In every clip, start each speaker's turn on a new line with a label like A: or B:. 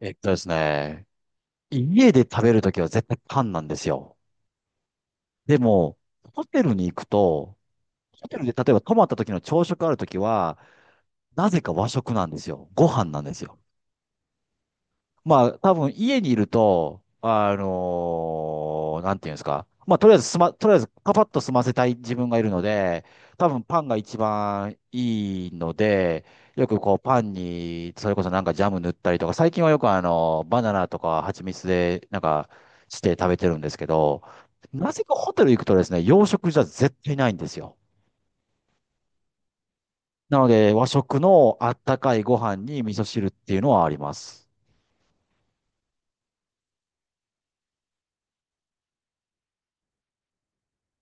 A: えっとですね、家で食べるときは絶対缶なんですよ。でも、ホテルに行くと、ホテルで例えば泊まった時の朝食あるときは、なぜか和食なんですよ。ご飯なんですよ。まあ、多分家にいると、なんていうんですか。まあ、とりあえずパパッと済ませたい自分がいるので、多分パンが一番いいので、よくこうパンに、それこそなんかジャム塗ったりとか、最近はよくバナナとか蜂蜜でなんかして食べてるんですけど、なぜかホテル行くとですね、洋食じゃ絶対ないんですよ。なので、和食のあったかいご飯に味噌汁っていうのはあります。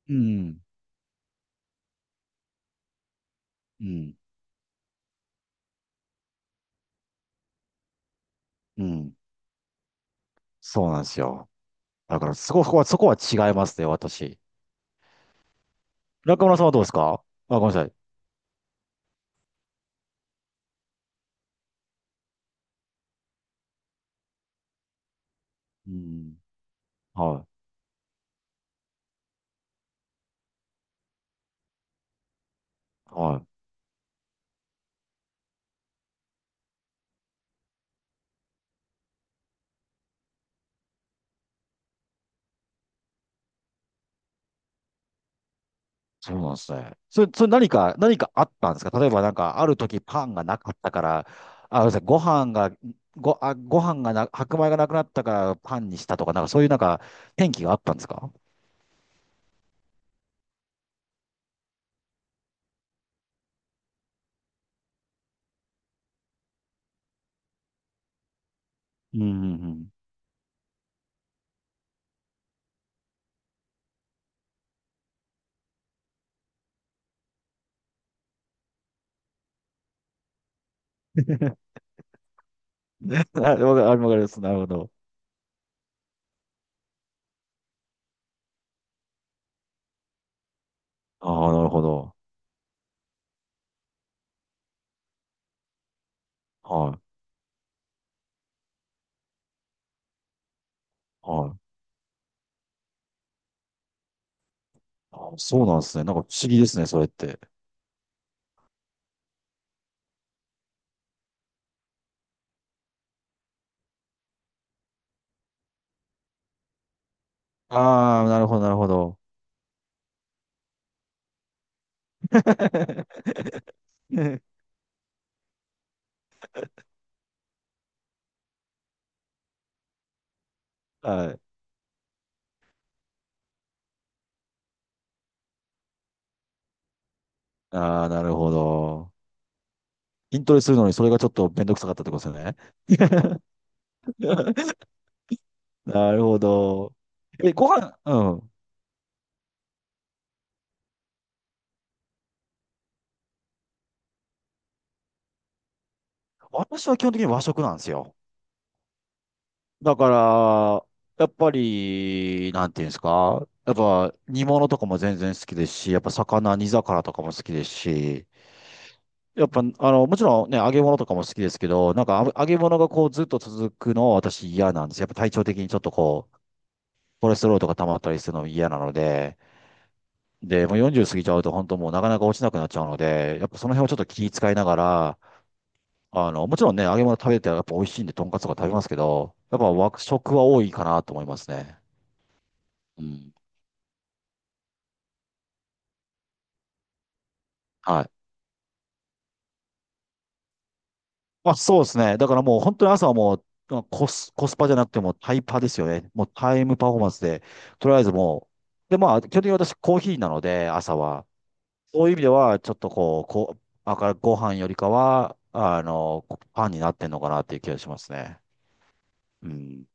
A: うん。うん。うん。そうなんですよ。だからそこは違いますね、私。中村さんはどうですかあ？ごめんなさい。うん。はい。はい。そうなんですね。それ、何かあったんですか？例えばなんか、ある時パンがなかったから、あ、ごめんなさい、ご飯が、ご、あ、ご飯がな、白米がなくなったからパンにしたとか、なんかそういうなんか、転機があったんですか？うんうんうん。あわかる、わかります。なるほど。ああ、なるほど。はい。はい。あ、そうなんですね。なんか不思議ですね、それって。ああ、なるほど、なるほど。はい。ああ、なるほど。筋トレするのにそれがちょっとめんどくさかったってことですよね。なるほど。え、ご飯、うん。私は基本的に和食なんですよ。だから、やっぱり、なんていうんですか。やっぱ煮物とかも全然好きですし、やっぱ魚、煮魚とかも好きですし、やっぱ、もちろんね、揚げ物とかも好きですけど、なんかあ揚げ物がこうずっと続くのは私嫌なんです。やっぱ体調的にちょっとコレステロールとか溜まったりするのも嫌なので、で、もう40過ぎちゃうと本当もうなかなか落ちなくなっちゃうので、やっぱその辺をちょっと気遣いながら、もちろんね、揚げ物食べてやっぱ美味しいんで、とんかつとか食べますけど、やっぱ和食は多いかなと思いますね。うん。はい。まあそうですね。だからもう本当に朝はもう、まあコスパじゃなくてもうタイパですよね。もうタイムパフォーマンスで、とりあえずもう、で、まあ、基本的に私コーヒーなので、朝は。そういう意味では、ちょっとこう、あからご飯よりかは、パンになってんのかなっていう気がしますね。うん。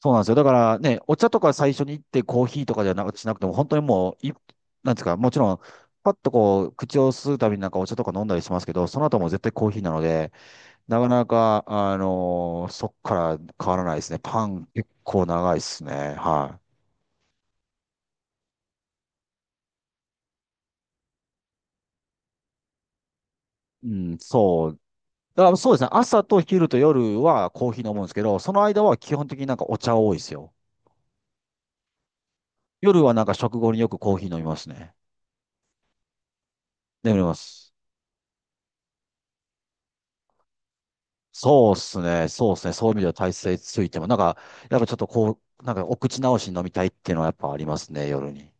A: そうなんですよ。だからね、お茶とか最初に行ってコーヒーとかじゃなく、しなくても、本当にもう、なんですか、もちろん、パッとこう、口を吸うたびになんかお茶とか飲んだりしますけど、その後も絶対コーヒーなので、なかなか、そっから変わらないですね。パン結構長いですね。はい。うん、そうですね。朝と昼と夜はコーヒー飲むんですけど、その間は基本的になんかお茶多いですよ。夜はなんか食後によくコーヒー飲みますね。眠ります。そうですね。そうですね。そういう意味では体勢ついても、なんか、やっぱちょっとこう、なんかお口直しに飲みたいっていうのはやっぱありますね、夜に。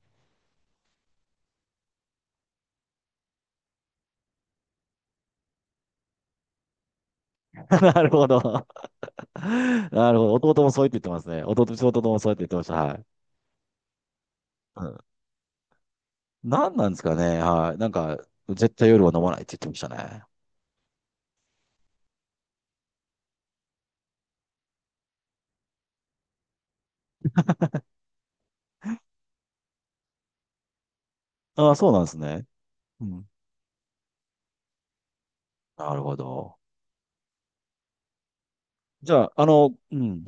A: なるほど。なるほど。弟もそう言ってますね。弟もそう言ってました。はい。うん、何なんですかね。はい。なんか、絶対夜は飲まないって言ってましたね。ああ、そうなんですね。うん。なるほど。じゃあ、うん。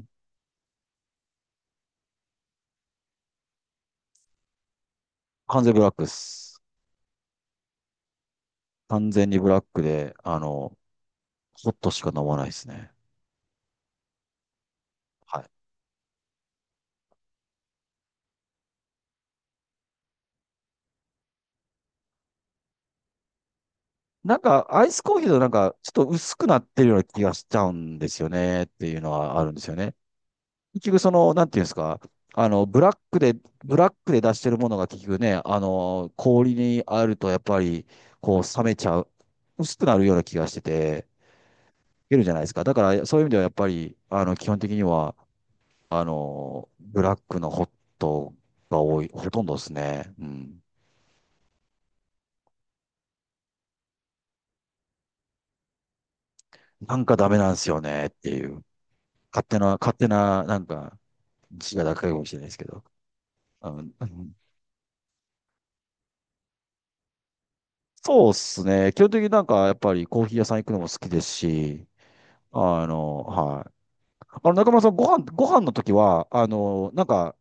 A: 完全ブラックっす。完全にブラックで、ホットしか飲まないですね。はい。なんか、アイスコーヒーとなんか、ちょっと薄くなってるような気がしちゃうんですよね、っていうのはあるんですよね。結局、その、なんていうんですか、あの、ブラックで、ブラックで出してるものが結局ね、氷にあるとやっぱり、こう、冷めちゃう、薄くなるような気がしてて、いけるじゃないですか。だから、そういう意味ではやっぱり、基本的には、ブラックのホットが多い、ほとんどですね。うん。なんかダメなんですよねっていう。勝手な、なんか、自我高いかもしれないですけど。うん、そうっすね。基本的になんか、やっぱりコーヒー屋さん行くのも好きですし、はい。中村さん、ご飯の時は、なんか、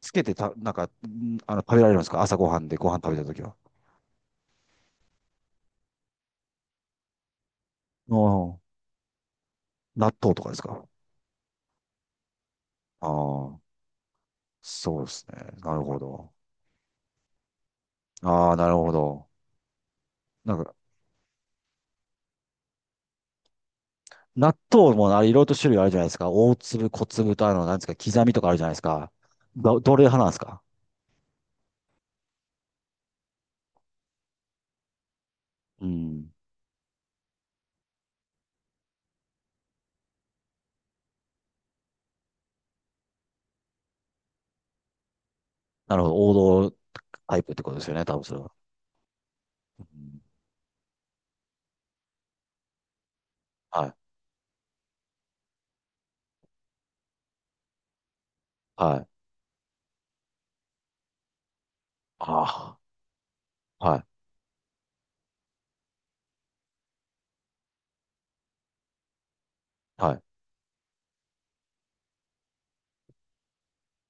A: つけてた、なんか、んあの、食べられるんですか？朝ご飯でご飯食べた時は。ああ、納豆とかですか？ああー、そうですね。なるほど。ああ、なるほど。なんか、納豆もあれ、いろいろと種類あるじゃないですか。大粒、小粒と、なんですか、刻みとかあるじゃないですか。どれ派なんですか？うん。なるほど。王道タイプってことですよね、多分それは。うん。はい。はい。ああ。はい。はい。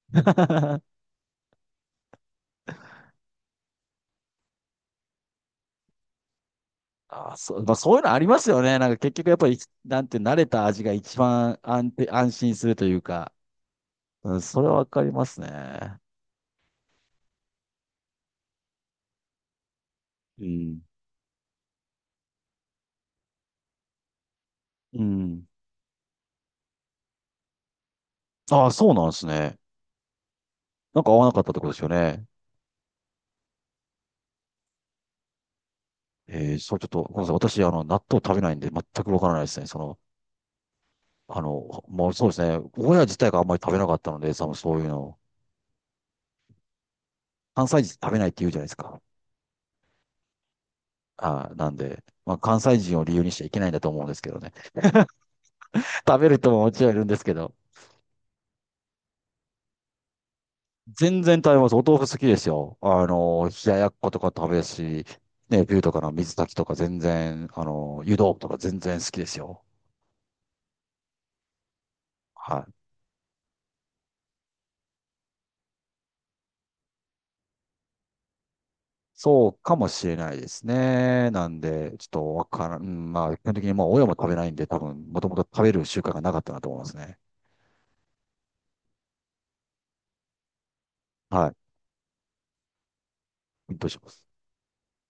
A: ああ、そう、まあ、そういうのありますよね。なんか結局やっぱり、なんて慣れた味が一番安心するというか、うん、それはわかりますね。うん。うん。ああ、そうなんですね。なんか合わなかったってことですよね。そう、ちょっと、ごめんなさい。私、納豆食べないんで、全くわからないですね。その、もうそうですね。親自体があんまり食べなかったので、その、そういうの。関西人食べないって言うじゃないですか。なんで、まあ、関西人を理由にしちゃいけないんだと思うんですけどね。食べる人ももちろんいるんですけど、全然食べます。お豆腐好きですよ。冷ややっことか食べるし、ね、ビューとかの水炊きとか全然、湯豆腐とか全然好きですよ。はい。そうかもしれないですね。なんで、ちょっとわからん。うん、まあ、基本的にもう親も食べないんで、多分、もともと食べる習慣がなかったなと思いますね。はい。どうします？